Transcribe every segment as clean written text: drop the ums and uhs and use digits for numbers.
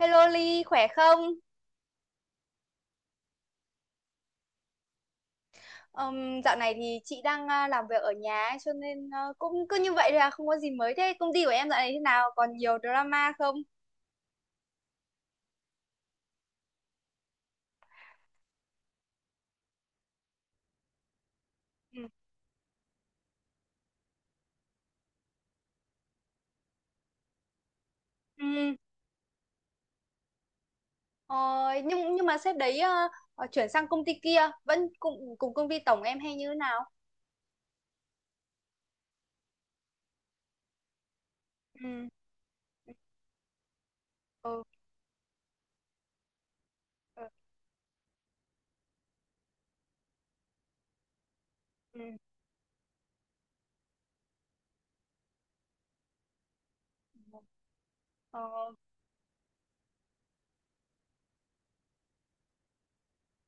Hello Ly, khỏe không? Dạo này thì chị đang làm việc ở nhà ấy, cho nên cũng cứ như vậy thôi không có gì mới. Thế công ty của em dạo này thế nào? Còn nhiều drama không? Ừ. Ừm, ờ, nhưng mà sếp đấy chuyển sang công ty kia vẫn cùng cùng công ty tổng em hay như thế nào? Ừ. Ừ. Ừ. Ừ. Ờ,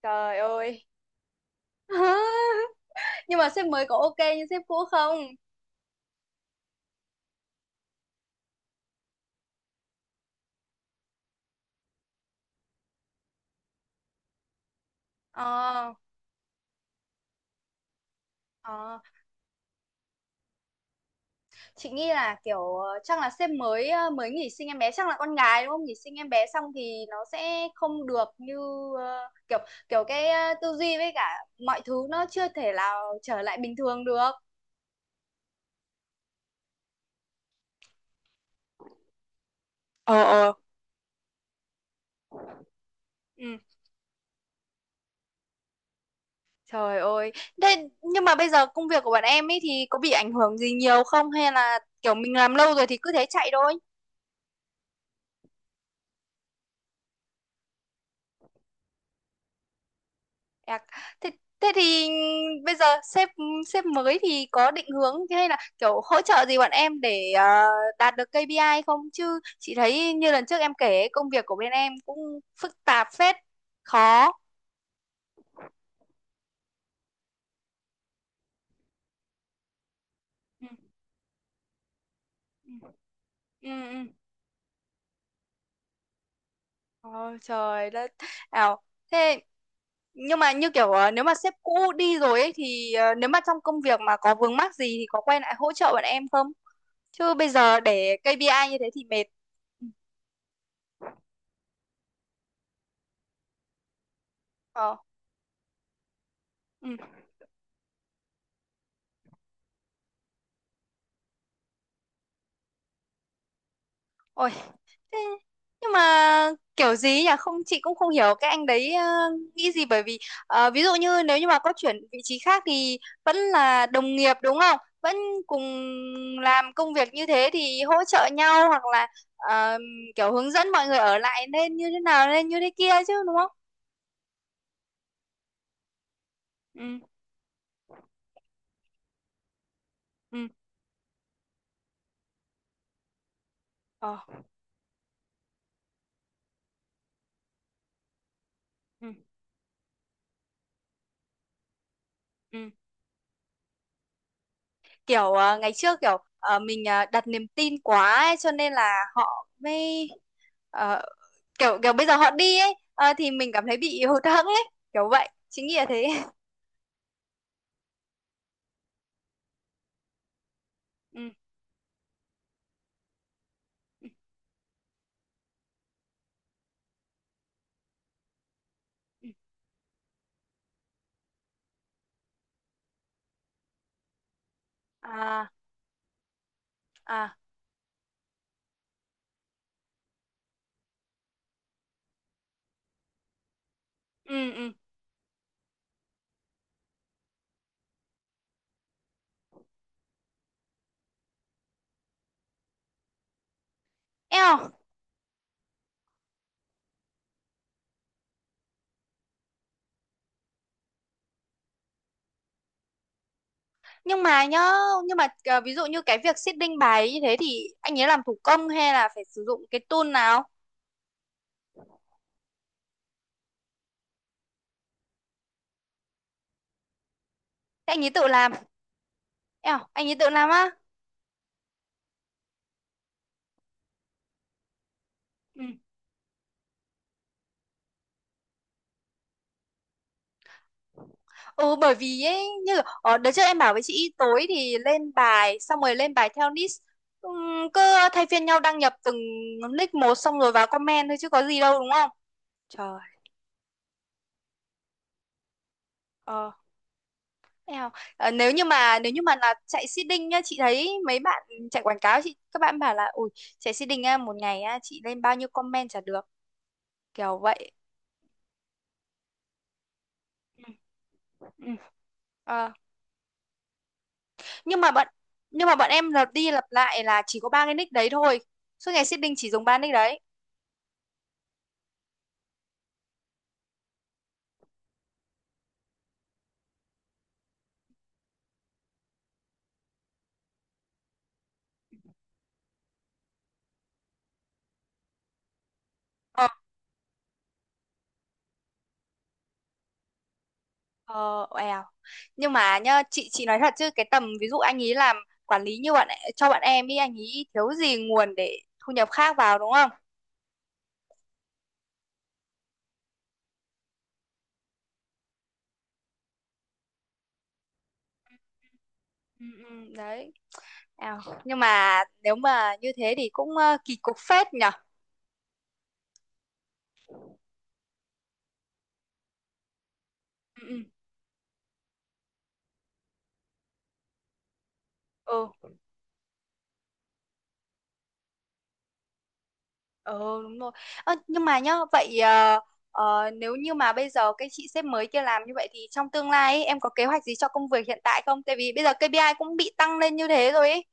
trời ơi. Nhưng mà sếp mới có ok như sếp cũ không? Ờ. Ờ. Chị nghĩ là kiểu chắc là sếp mới mới nghỉ sinh em bé, chắc là con gái đúng không? Nghỉ sinh em bé xong thì nó sẽ không được như ờ, kiểu kiểu cái tư duy với cả mọi thứ nó chưa thể nào trở lại bình thường được. Ờ, ờ, ừ. Trời ơi. Thế nhưng mà bây giờ công việc của bạn em ấy thì có bị ảnh hưởng gì nhiều không, hay là kiểu mình làm lâu rồi thì cứ thế chạy thôi? À, thế, thế thì bây giờ sếp sếp mới thì có định hướng hay là kiểu hỗ trợ gì bọn em để đạt được KPI không? Chứ chị thấy như lần trước em kể ấy, công việc của bên em cũng phức tạp phết, khó. Ừ. Ừ. Ừ, ừ. Ôi trời đất. Ảo. Thế nhưng mà như kiểu nếu mà sếp cũ đi rồi ấy thì nếu mà trong công việc mà có vướng mắc gì thì có quay lại hỗ trợ bọn em không? Chứ bây giờ để KPI như thế thì mệt. Ừ. Ờ. Ừ. Ôi, thế nhưng mà kiểu gì nhỉ không chị cũng không hiểu cái anh đấy nghĩ gì, bởi vì ví dụ như nếu như mà có chuyển vị trí khác thì vẫn là đồng nghiệp đúng không, vẫn cùng làm công việc như thế thì hỗ trợ nhau hoặc là ờ, kiểu hướng dẫn mọi người ở lại nên như thế nào, nên như thế kia chứ, đúng không? Ừ, ừ, ờ, ừ, ừ, kiểu ngày trước kiểu mình đặt niềm tin quá ấy, cho nên là họ mới ờ, kiểu kiểu bây giờ họ đi ấy thì mình cảm thấy bị hụt hẫng ấy, kiểu vậy chính nghĩa thế. Ừ, ừ, ừ. À, à, ừ, ừ. Eo, nhưng mà nhá nhưng mà ví dụ như cái việc seeding bài như thế thì anh ấy làm thủ công hay là phải sử dụng cái tool nào? Thế anh ấy tự làm? Eo, anh ấy tự làm á. Ừ. Ừ, bởi vì ấy như ở đợt trước em bảo với chị tối thì lên bài xong rồi lên bài theo list. Cứ thay phiên nhau đăng nhập từng nick một xong rồi vào comment thôi chứ có gì đâu đúng không? Trời. Ờ, nào, nếu như mà là chạy seeding nhá, chị thấy mấy bạn chạy quảng cáo, chị các bạn bảo là ui chạy seeding á, một ngày á, chị lên bao nhiêu comment chả được, kiểu vậy. Ừ. Ừ. Ờ, nhưng mà bọn nhưng mà bọn em lặp đi lặp lại là chỉ có ba cái nick đấy thôi, suốt ngày seeding chỉ dùng ba nick đấy. Ờ, ờ, eo. Nhưng mà nhá chị nói thật chứ cái tầm ví dụ anh ý làm quản lý như cho bạn em ý anh ý thiếu gì nguồn để thu nhập khác vào đúng không? Ừ, ừ, đấy. À, nhưng mà nếu mà như thế thì cũng kỳ cục phết nhở. Ừ, ừ. Ừ, ừ đúng rồi. Ơ, nhưng mà nhá vậy nếu như mà bây giờ cái chị sếp mới kia làm như vậy thì trong tương lai ấy, em có kế hoạch gì cho công việc hiện tại không? Tại vì bây giờ KPI cũng bị tăng lên như thế rồi ấy.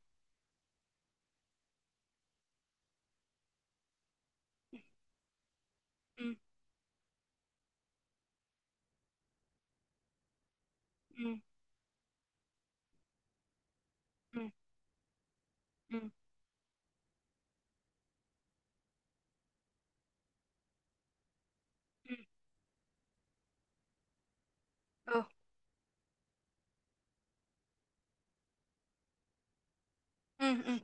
Ừ, ừ, ừ, ừ, ừ, ừ, ừ, ừ,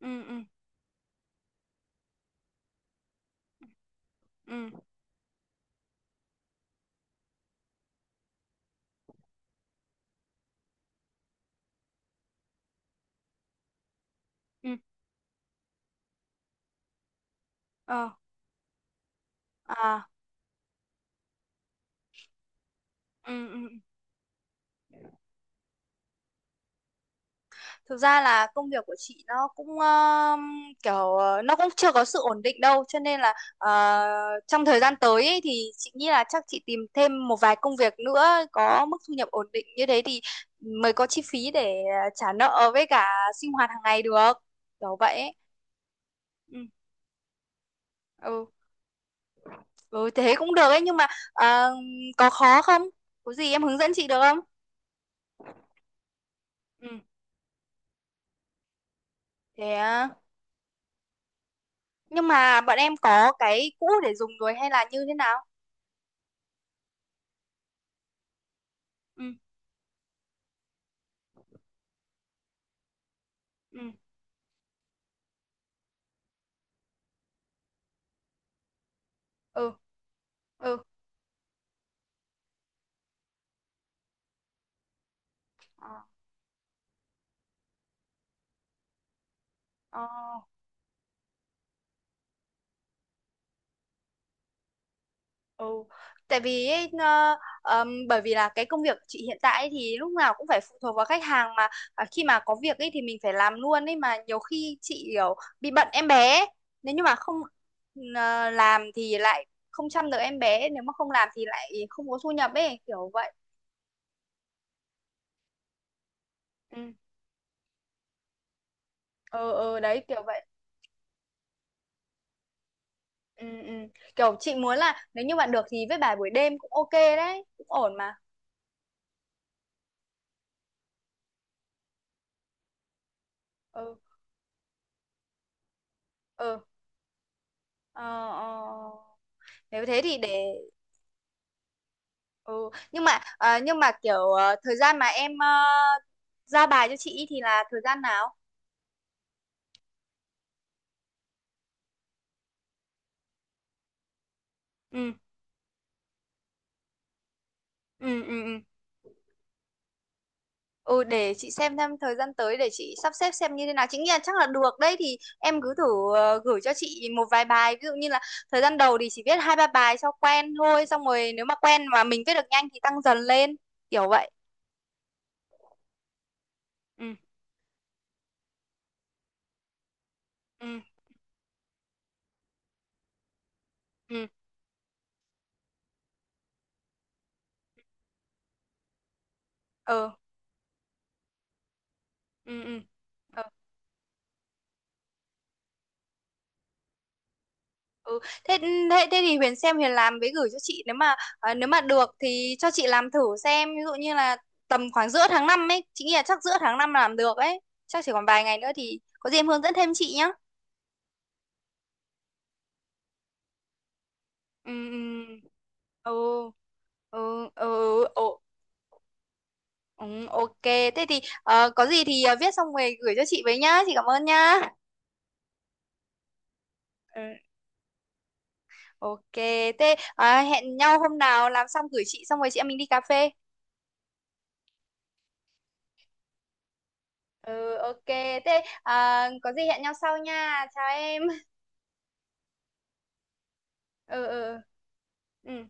ừ, ừ, ừ, ừ, ừ, ờ, à, ừ, ừ, ừ. Thực ra là công việc của chị nó cũng kiểu nó cũng chưa có sự ổn định đâu, cho nên là trong thời gian tới ấy, thì chị nghĩ là chắc chị tìm thêm một vài công việc nữa có mức thu nhập ổn định như thế thì mới có chi phí để trả nợ với cả sinh hoạt hàng ngày được. Kiểu vậy ấy. Ừ. Ừ. Ừ thế cũng được ấy, nhưng mà ờ, có khó không? Có gì em hướng dẫn chị được không? Ừ. Thế à. Nhưng mà bọn em có cái cũ để dùng rồi hay là như thế nào? Ừ. Ừ. Ừ. Ừ, ờ, ờ, ừ, tại vì ấy, bởi vì là cái công việc của chị hiện tại ấy thì lúc nào cũng phải phụ thuộc vào khách hàng mà khi mà có việc ấy thì mình phải làm luôn ấy, mà nhiều khi chị kiểu bị bận em bé ấy. Nếu như mà không làm thì lại không chăm được em bé, nếu mà không làm thì lại không có thu nhập ấy, kiểu vậy. Ừ. Ừ, ừ đấy kiểu vậy. Ừ, ừ. Kiểu chị muốn là nếu như bạn được thì với bài buổi đêm cũng ok đấy cũng ổn mà. Ừ, ừ, ờ, ờ. Nếu thế thì để... Ừ. Nhưng mà kiểu thời gian mà em ra bài cho chị thì là thời gian nào? Ừ, ừ, ừ, ừ. Ừ, để chị xem thời gian tới để chị sắp xếp xem như thế nào. Chị nghĩ là chắc là được đấy, thì em cứ thử gửi cho chị một vài bài. Ví dụ như là thời gian đầu thì chỉ viết hai ba bài cho quen thôi. Xong rồi nếu mà quen mà mình viết được nhanh thì tăng dần lên, kiểu vậy. Ừ, ừ, ừ. Ừ. Ừ, ừ. Ừ. Thế, thế thế thì Huyền xem Huyền làm với gửi cho chị, nếu mà được thì cho chị làm thử xem, ví dụ như là tầm khoảng giữa tháng 5 ấy, chị nghĩ là chắc giữa tháng 5 làm được ấy, chắc chỉ còn vài ngày nữa thì có gì em hướng dẫn thêm chị nhá. Ừ, ừ, ừ, ừ, ừ, ừ, ừ, ok thế thì có gì thì viết xong rồi gửi cho chị với nhá, chị cảm ơn nhá. Ừ. Ok thế hẹn nhau hôm nào làm xong gửi chị xong rồi chị em mình đi cà phê. Ừ ok thế có gì hẹn nhau sau nha, chào em. Ừ, ừ, ừ.